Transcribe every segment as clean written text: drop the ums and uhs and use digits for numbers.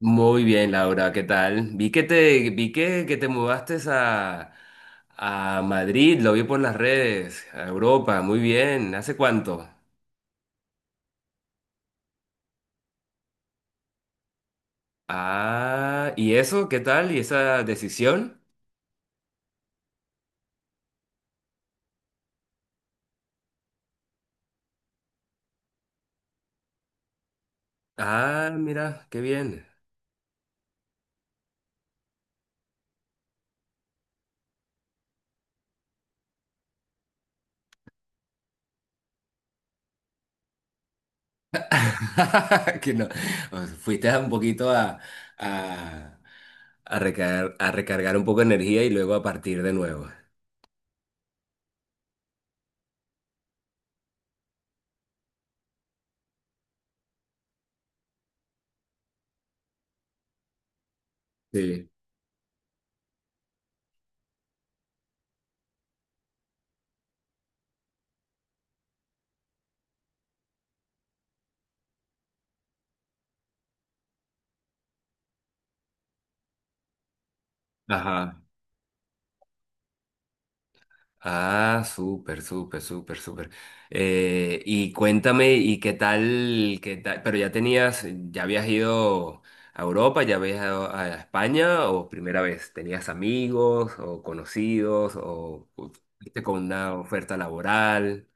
Muy bien, Laura, ¿qué tal? Vi que te mudaste a Madrid, lo vi por las redes, a Europa, muy bien, ¿hace cuánto? Ah, ¿y eso? ¿Qué tal? ¿Y esa decisión? Ah, mira, qué bien. Que no, o sea, fuiste a un poquito a, a recargar un poco de energía y luego a partir de nuevo. Sí. Ajá. Ah, súper, súper, súper, súper. Y cuéntame, ¿y qué tal, qué tal? Pero ya tenías, ya habías ido a Europa, ya habías ido a España, o primera vez, ¿tenías amigos o conocidos o fuiste con una oferta laboral?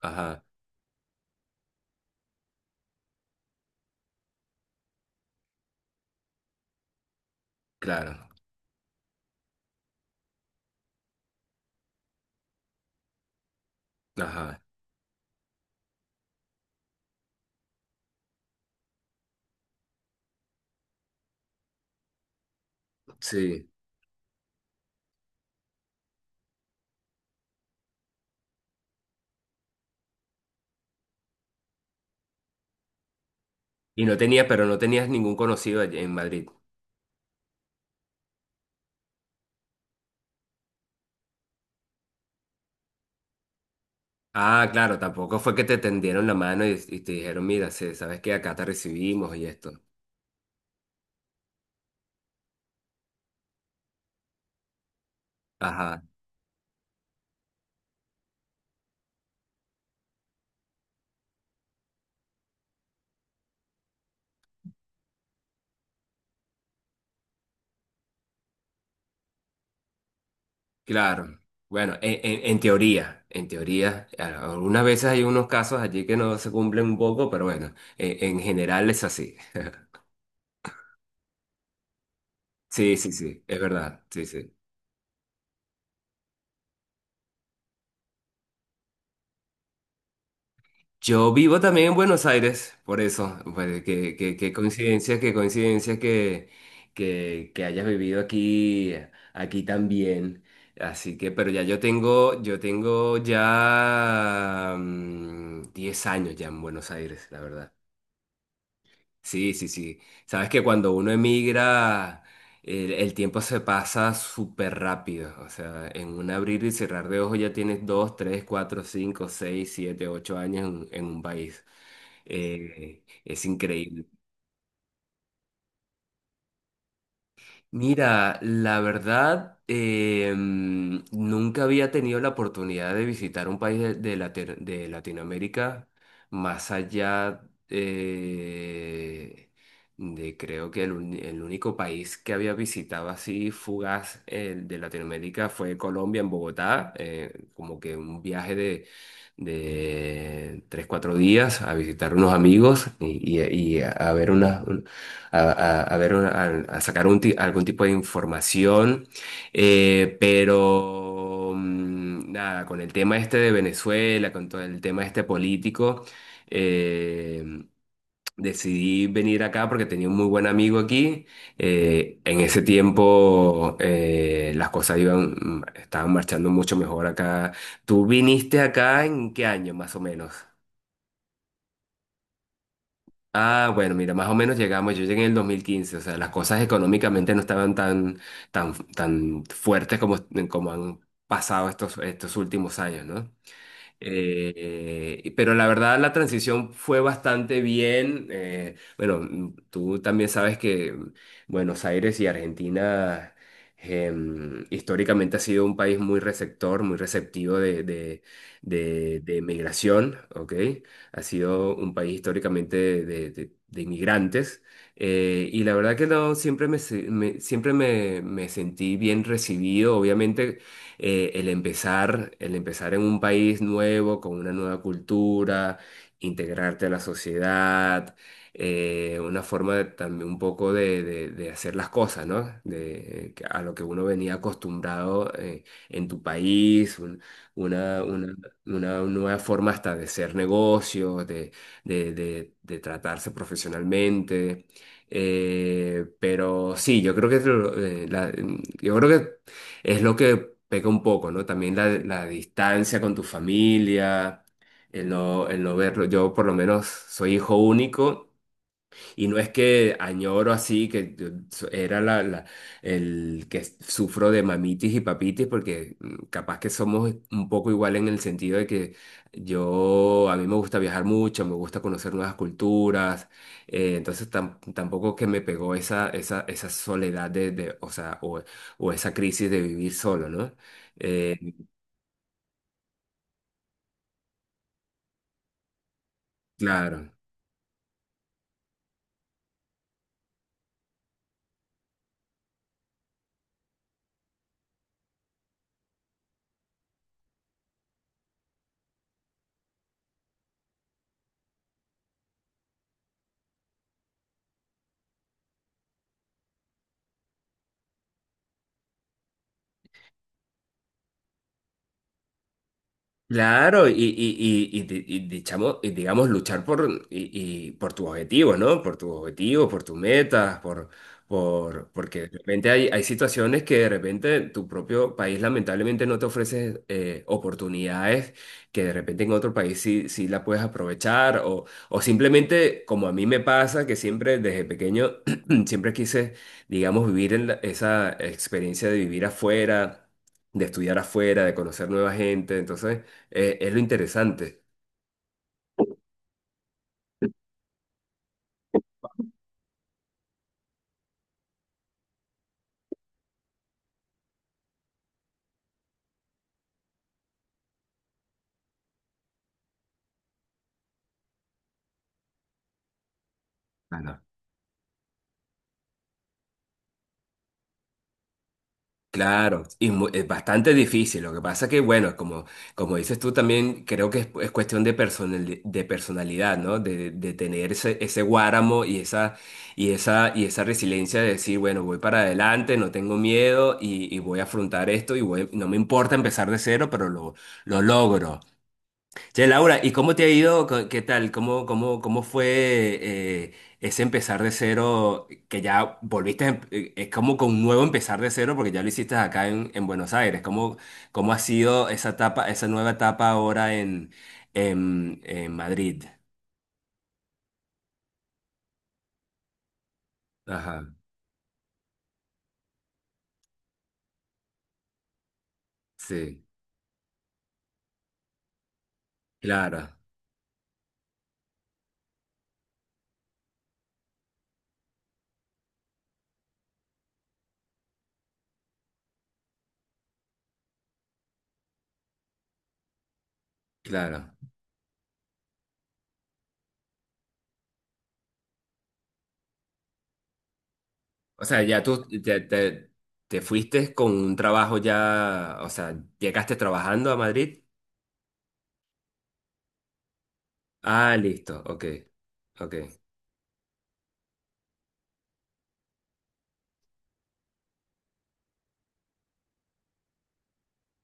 Ajá, claro, ajá, sí. Y no tenías, pero no tenías ningún conocido allí en Madrid. Ah, claro, tampoco fue que te tendieron la mano y te dijeron, mira, sí, sabes que acá te recibimos y esto. Ajá. Claro. Bueno, en teoría, en teoría, algunas veces hay unos casos allí que no se cumplen un poco, pero bueno, en general es así. Sí, sí, sí, es verdad, sí, sí. Yo vivo también en Buenos Aires, por eso, pues, qué coincidencia, qué coincidencia que, que hayas vivido aquí, aquí también. Así que, pero ya yo tengo ya 10 años ya en Buenos Aires, la verdad. Sí, sí, sí. Sabes que cuando uno emigra, el tiempo se pasa súper rápido. O sea, en un abrir y cerrar de ojos ya tienes dos, tres, cuatro, cinco, seis, siete, ocho años en un país. Es increíble. Mira, la verdad, nunca había tenido la oportunidad de visitar un país de, de Latinoamérica más allá eh, de creo que el, el único país que había visitado así fugaz de Latinoamérica fue Colombia en Bogotá, como que un viaje de tres, cuatro días a visitar unos amigos y, y a ver unas a, a ver, a sacar un algún tipo de información, pero nada, con el tema este de Venezuela, con todo el tema este político, eh, decidí venir acá porque tenía un muy buen amigo aquí. En ese tiempo las cosas iban, estaban marchando mucho mejor acá. ¿Tú viniste acá en qué año más o menos? Ah, bueno, mira, más o menos llegamos, yo llegué en el 2015, o sea, las cosas económicamente no estaban tan, tan fuertes como, como han pasado estos, estos últimos años, ¿no? Pero la verdad la transición fue bastante bien. Bueno, tú también sabes que Buenos Aires y Argentina históricamente ha sido un país muy receptor, muy receptivo de, de migración, ¿ok? Ha sido un país históricamente de, de inmigrantes. Y la verdad que no, siempre me, siempre me, me sentí bien recibido. Obviamente el empezar en un país nuevo, con una nueva cultura, integrarte a la sociedad, una forma también un poco de, de hacer las cosas, ¿no? De, a lo que uno venía acostumbrado en tu país, una, una nueva forma hasta de hacer negocios, de, de tratarse profesionalmente. Pero sí, yo creo que es lo- la- yo creo que es lo que peca un poco, ¿no? También la distancia con tu familia, el no verlo. Yo por lo menos soy hijo único y no es que añoro así, que yo so- era la, la- el que sufro de mamitis y papitis, porque capaz que somos un poco igual en el sentido de que yo, a mí me gusta viajar mucho, me gusta conocer nuevas culturas, entonces tampoco que me pegó esa, esa soledad de, o sea, o esa crisis de vivir solo, ¿no? Eh, claro. Claro, y, digamos luchar por, y por tus objetivos, ¿no? Por tus objetivos, por tus metas, por, porque de repente hay, hay situaciones que de repente tu propio país lamentablemente no te ofrece oportunidades que de repente en otro país sí, sí la puedes aprovechar o simplemente como a mí me pasa que siempre desde pequeño siempre quise, digamos, vivir en esa experiencia de vivir afuera, de estudiar afuera, de conocer nueva gente, entonces... es lo interesante. Claro. Claro, y es bastante difícil. Lo que pasa que, bueno, como, como dices tú también, creo que es cuestión de, de personalidad, ¿no? De tener ese, ese guáramo y esa, y esa, y esa resiliencia de decir, bueno, voy para adelante, no tengo miedo y voy a afrontar esto y no me importa empezar de cero, pero lo logro. Che, Laura, ¿y cómo te ha ido? ¿Qué tal? ¿Cómo, cómo, cómo fue ese empezar de cero? Que ya volviste, es como con un nuevo empezar de cero porque ya lo hiciste acá en Buenos Aires. ¿Cómo, cómo ha sido esa etapa, esa nueva etapa ahora en Madrid? Ajá, sí, claro, claro. O sea, ya tú te, te, te fuiste con un trabajo ya, o sea, llegaste trabajando a Madrid. Ah, listo, ok, ok,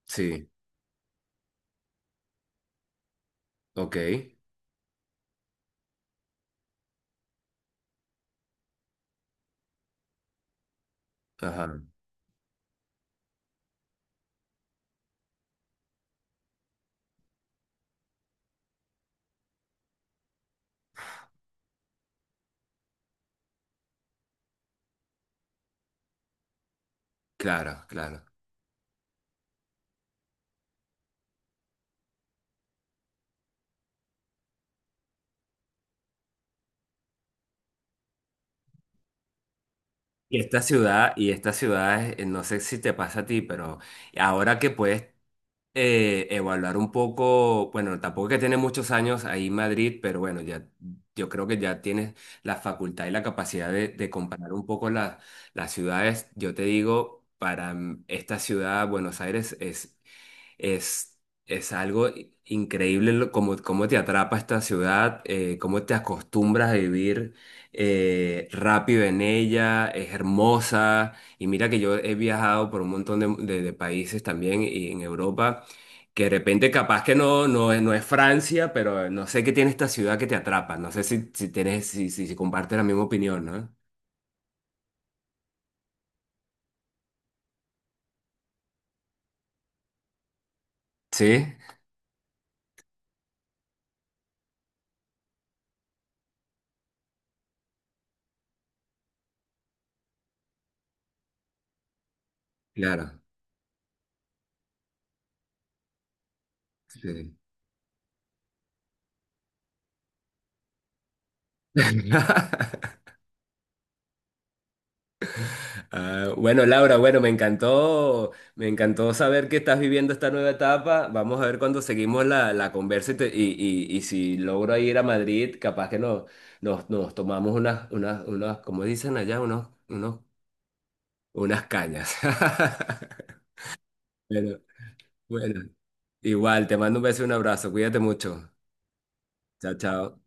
sí. Ok, ajá, claro, claro. Y esta ciudad, no sé si te pasa a ti, pero ahora que puedes evaluar un poco, bueno, tampoco es que tiene muchos años ahí en Madrid, pero bueno, ya yo creo que ya tienes la facultad y la capacidad de comparar un poco las ciudades. Yo te digo, para esta ciudad, Buenos Aires Es, es algo increíble cómo, cómo te atrapa esta ciudad, cómo te acostumbras a vivir rápido en ella, es hermosa. Y mira que yo he viajado por un montón de, de países también y en Europa, que de repente capaz que no, no, no es Francia, pero no sé qué tiene esta ciudad que te atrapa. No sé si, si tienes, si, si, si compartes la misma opinión, ¿no? Sí, claro. Sí. Ah, bueno, Laura, bueno, me encantó saber que estás viviendo esta nueva etapa. Vamos a ver cuando seguimos la, la conversa y, y si logro ir a Madrid, capaz que nos, nos, nos tomamos unas, unas, unas, como dicen allá, unos, unos, unas cañas. Pero bueno, igual, te mando un beso y un abrazo. Cuídate mucho. Chao, chao.